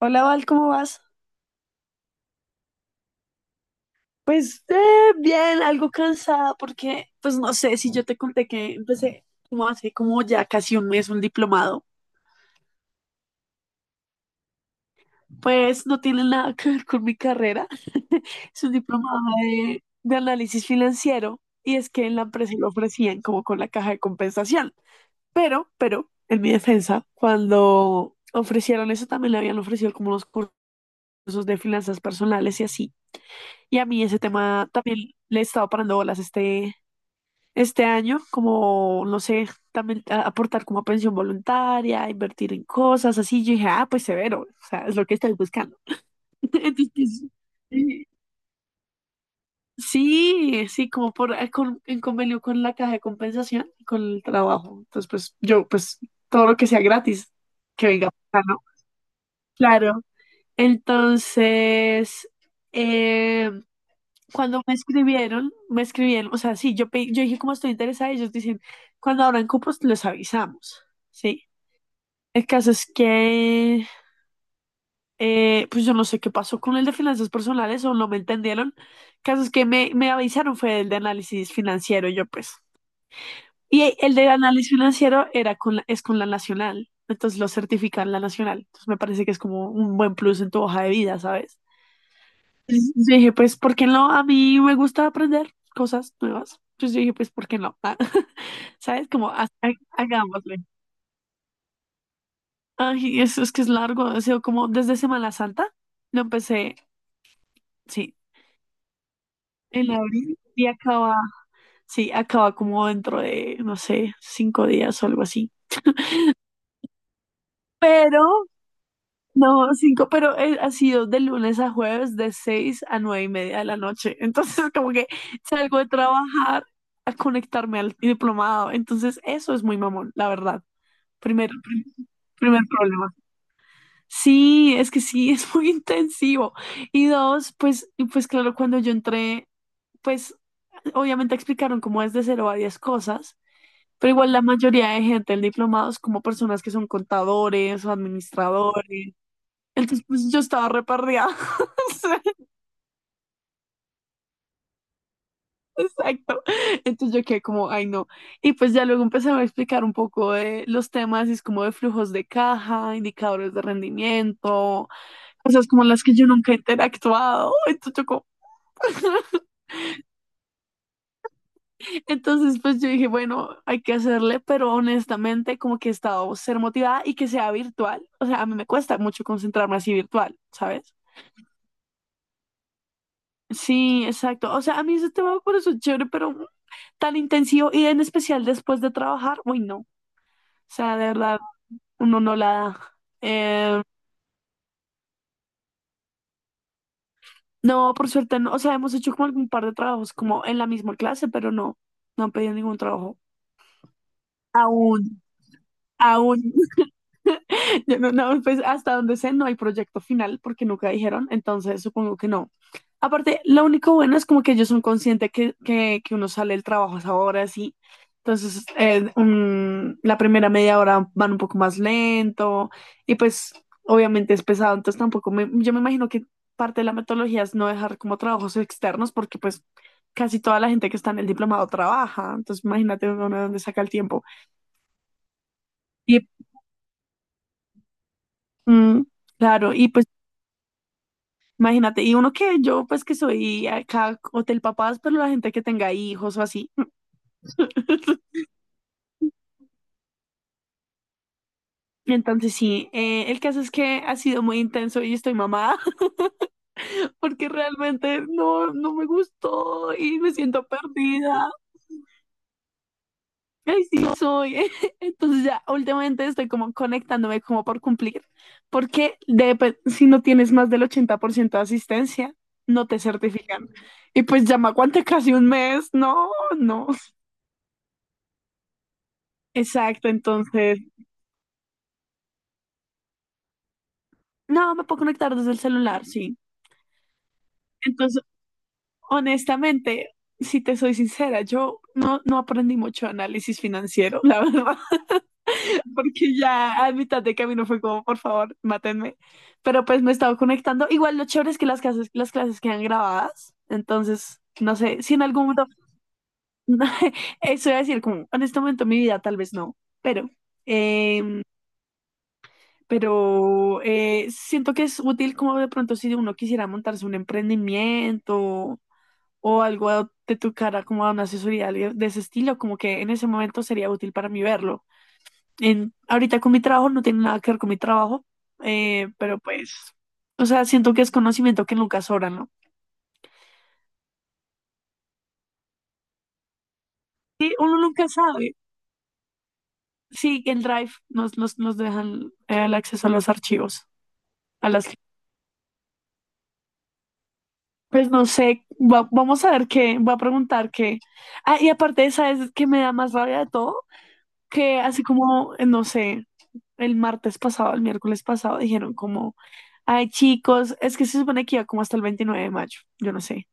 Hola Val, ¿cómo vas? Pues bien, algo cansada porque, pues no sé si yo te conté que empecé como hace como ya casi un mes un diplomado, pues no tiene nada que ver con mi carrera, es un diplomado de análisis financiero y es que en la empresa lo ofrecían como con la caja de compensación, pero, en mi defensa, cuando ofrecieron eso también le habían ofrecido como los cursos de finanzas personales y así, y a mí ese tema también le he estado parando bolas este año, como, no sé, también aportar como a pensión voluntaria, invertir en cosas así. Yo dije, ah, pues severo, o sea, es lo que estoy buscando. Entonces, pues, eh, sí, sí, como por, en convenio con la caja de compensación y con el trabajo. Entonces, pues yo, pues todo lo que sea gratis, que venga, ¿no? Claro. Entonces, em, cuando me escribieron, o sea, sí, yo dije como estoy interesada, y ellos dicen, cuando abran cupos les avisamos, ¿sí? El caso es que, pues yo no sé qué pasó con el de finanzas personales o no me entendieron. El caso es que me avisaron fue el de análisis financiero, yo pues. Y el de análisis financiero era con es con la nacional, entonces lo certifican la nacional. Entonces me parece que es como un buen plus en tu hoja de vida, ¿sabes? Y dije, pues, ¿por qué no? A mí me gusta aprender cosas nuevas. Entonces yo dije, pues, ¿por qué no? Ah, ¿Sabes? Como, hagámosle. Ay, eso es que es largo. Ha sido como desde Semana Santa. Lo empecé, sí, en abril y acaba, sí, acaba como dentro de, no sé, 5 días o algo así. Pero no, cinco, pero ha sido de lunes a jueves de 6:00 a 9:30 de la noche. Entonces, como que salgo de trabajar a conectarme al diplomado. Entonces, eso es muy mamón, la verdad. Primer, prim- primer problema. Sí, es que sí, es muy intensivo. Y dos, pues, y pues claro, cuando yo entré, pues obviamente explicaron cómo es de 0 a 10 cosas. Pero igual la mayoría de gente del diplomado es como personas que son contadores o administradores, entonces pues yo estaba repartida. Exacto. Entonces yo quedé como, ay no. Y pues ya luego empezaron a explicar un poco de los temas, y es como de flujos de caja, indicadores de rendimiento, cosas como las que yo nunca he interactuado. Entonces, entonces pues yo dije, bueno, hay que hacerle, pero honestamente como que he estado ser motivada y que sea virtual. O sea, a mí me cuesta mucho concentrarme así virtual, ¿sabes? Sí, exacto. O sea, a mí ese tema por eso es chévere, pero tan intensivo y en especial después de trabajar, uy, no. O sea, de verdad, uno no la da. Eh, no, por suerte no. O sea, hemos hecho como algún par de trabajos como en la misma clase, pero no, no han pedido ningún trabajo. Aún, aún. Ya no, no, pues hasta donde sé, no hay proyecto final porque nunca dijeron, entonces supongo que no. Aparte, lo único bueno es como que ellos son conscientes que uno sale del trabajo a esa hora, así. Entonces, la primera media hora van un poco más lento y pues obviamente es pesado, entonces tampoco me, yo me imagino que parte de la metodología es no dejar como trabajos externos porque pues casi toda la gente que está en el diplomado trabaja, entonces imagínate uno de dónde saca el tiempo. Y mm, claro, y pues imagínate, y uno que yo, pues que soy acá hotel papás, pero la gente que tenga hijos o así. Entonces sí, el caso es que ha sido muy intenso y estoy mamada porque realmente no, no me gustó y me siento perdida. Ay, sí, no soy. Entonces ya últimamente estoy como conectándome como por cumplir, porque pues, si no tienes más del 80% de asistencia, no te certifican. Y pues ya me aguanté casi un mes. No, no. Exacto, entonces no, me puedo conectar desde el celular, sí. Entonces, honestamente, si te soy sincera, yo no, no aprendí mucho de análisis financiero, la verdad, porque ya a mitad de camino fue como, por favor, mátenme. Pero pues me he estado conectando. Igual lo chévere es que las clases quedan grabadas, entonces, no sé, si en algún momento, eso iba a decir, como, en este momento de mi vida tal vez no, pero em, pero siento que es útil como de pronto si uno quisiera montarse un emprendimiento o algo de tu cara como a una asesoría de ese estilo, como que en ese momento sería útil para mí verlo. En, ahorita con mi trabajo no tiene nada que ver con mi trabajo, pero pues, o sea, siento que es conocimiento que nunca sobra, ¿no? Sí, uno nunca sabe. Sí, en Drive nos dejan el acceso a los archivos, a las... Pues no sé, vamos a ver qué, va a preguntar qué. Ah, y aparte, ¿sabes qué me da más rabia de todo? Que así como, no sé, el martes pasado, el miércoles pasado, dijeron como, ay chicos, es que se supone que iba como hasta el 29 de mayo, yo no sé.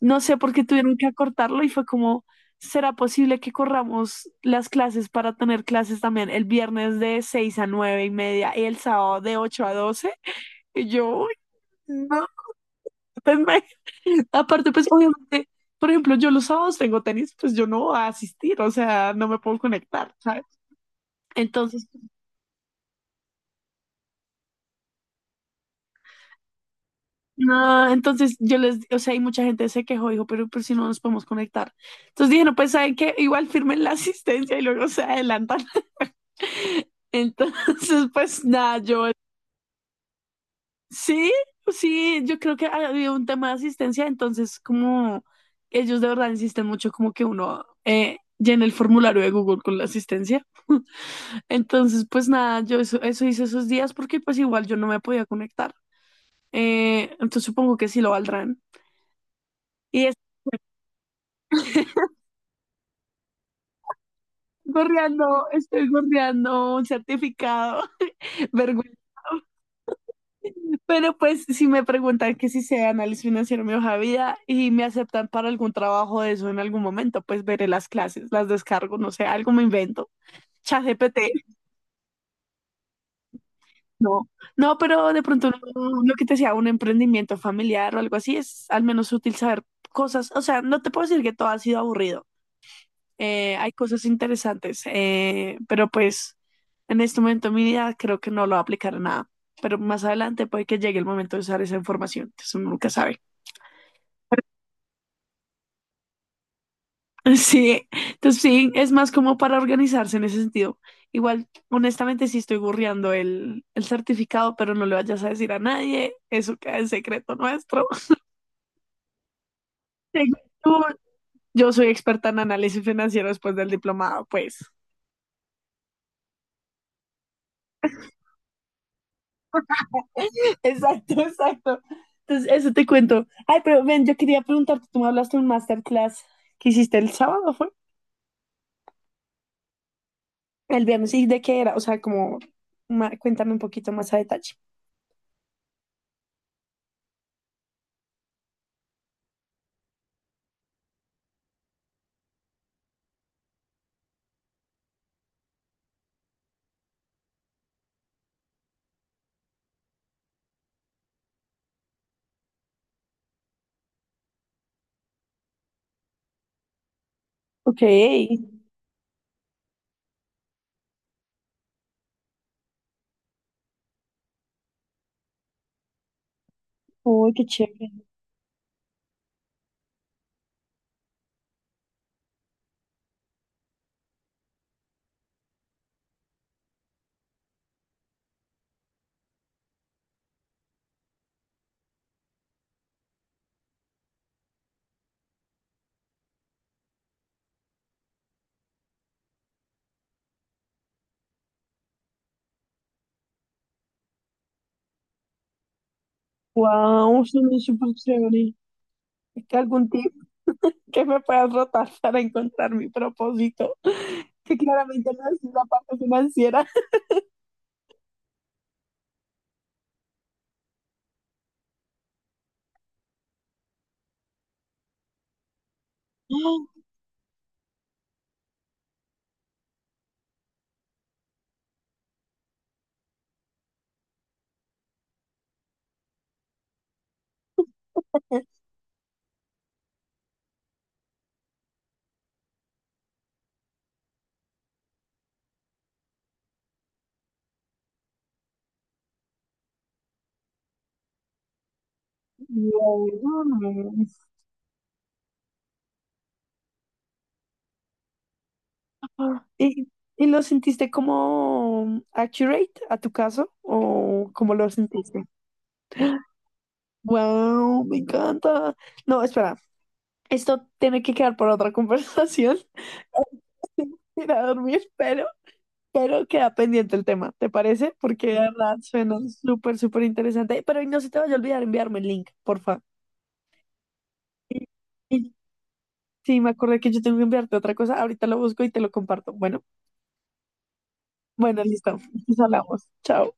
No sé por qué tuvieron que acortarlo y fue como, ¿será posible que corramos las clases para tener clases también el viernes de 6:00 a 9:30 y el sábado de 8:00 a 12:00? Y yo, "Uy, no", pues me- aparte, pues obviamente, por ejemplo, yo los sábados tengo tenis, pues yo no voy a asistir, o sea, no me puedo conectar, ¿sabes? Entonces, no entonces yo les, o sea, hay mucha gente se quejó, dijo, pero si no nos podemos conectar. Entonces dije, no, pues saben que igual firmen la asistencia y luego se adelantan. Entonces, pues nada, yo sí, sí, yo creo que había un tema de asistencia, entonces como ellos de verdad insisten mucho como que uno llene el formulario de Google con la asistencia. Entonces, pues nada, yo eso hice esos días porque pues igual yo no me podía conectar. Entonces supongo que sí lo valdrán. Y gorreando, estoy gorreando un certificado. Vergüenza. Pero pues si me preguntan que si sé análisis financiero en mi hoja de vida y me aceptan para algún trabajo de eso en algún momento, pues veré las clases, las descargo, no sé, algo me invento. ChatGPT, no. No, pero de pronto no- lo que te decía, un emprendimiento familiar o algo así es al menos útil saber cosas. O sea, no te puedo decir que todo ha sido aburrido. Eh, hay cosas interesantes, pero pues en este momento mi vida creo que no lo va a aplicar a nada, pero más adelante puede que llegue el momento de usar esa información, entonces uno nunca sabe. Sí, entonces sí, es más como para organizarse en ese sentido. Igual, honestamente, sí estoy burreando el certificado, pero no le vayas a decir a nadie, eso queda en secreto nuestro. Según tú, yo soy experta en análisis financiero después del diplomado, pues. Exacto, exacto. Entonces, eso te cuento. Ay, pero ven, yo quería preguntarte, tú me hablaste de un masterclass que hiciste el sábado, ¿fue? El viernes, ¿y de qué era? O sea, como, cuéntame un poquito más a detalle. Ok. Uy, qué chévere. Wow, suena súper chévere. ¿Es que algún tip que me puedas rotar para encontrar mi propósito? Que claramente no es la parte financiera. Wow. Ah, ¿y, y lo sentiste como accurate a tu caso o cómo lo sentiste? Wow, me encanta. No, espera, esto tiene que quedar para otra conversación. Ahora tengo que ir a dormir, pero, queda pendiente el tema, ¿te parece? Porque de verdad suena súper, súper interesante. Pero no se te vaya a olvidar enviarme el link, porfa. Y- y- Sí, me acordé que yo tengo que enviarte otra cosa. Ahorita lo busco y te lo comparto. Bueno, bueno, listo. Nos hablamos. Chao.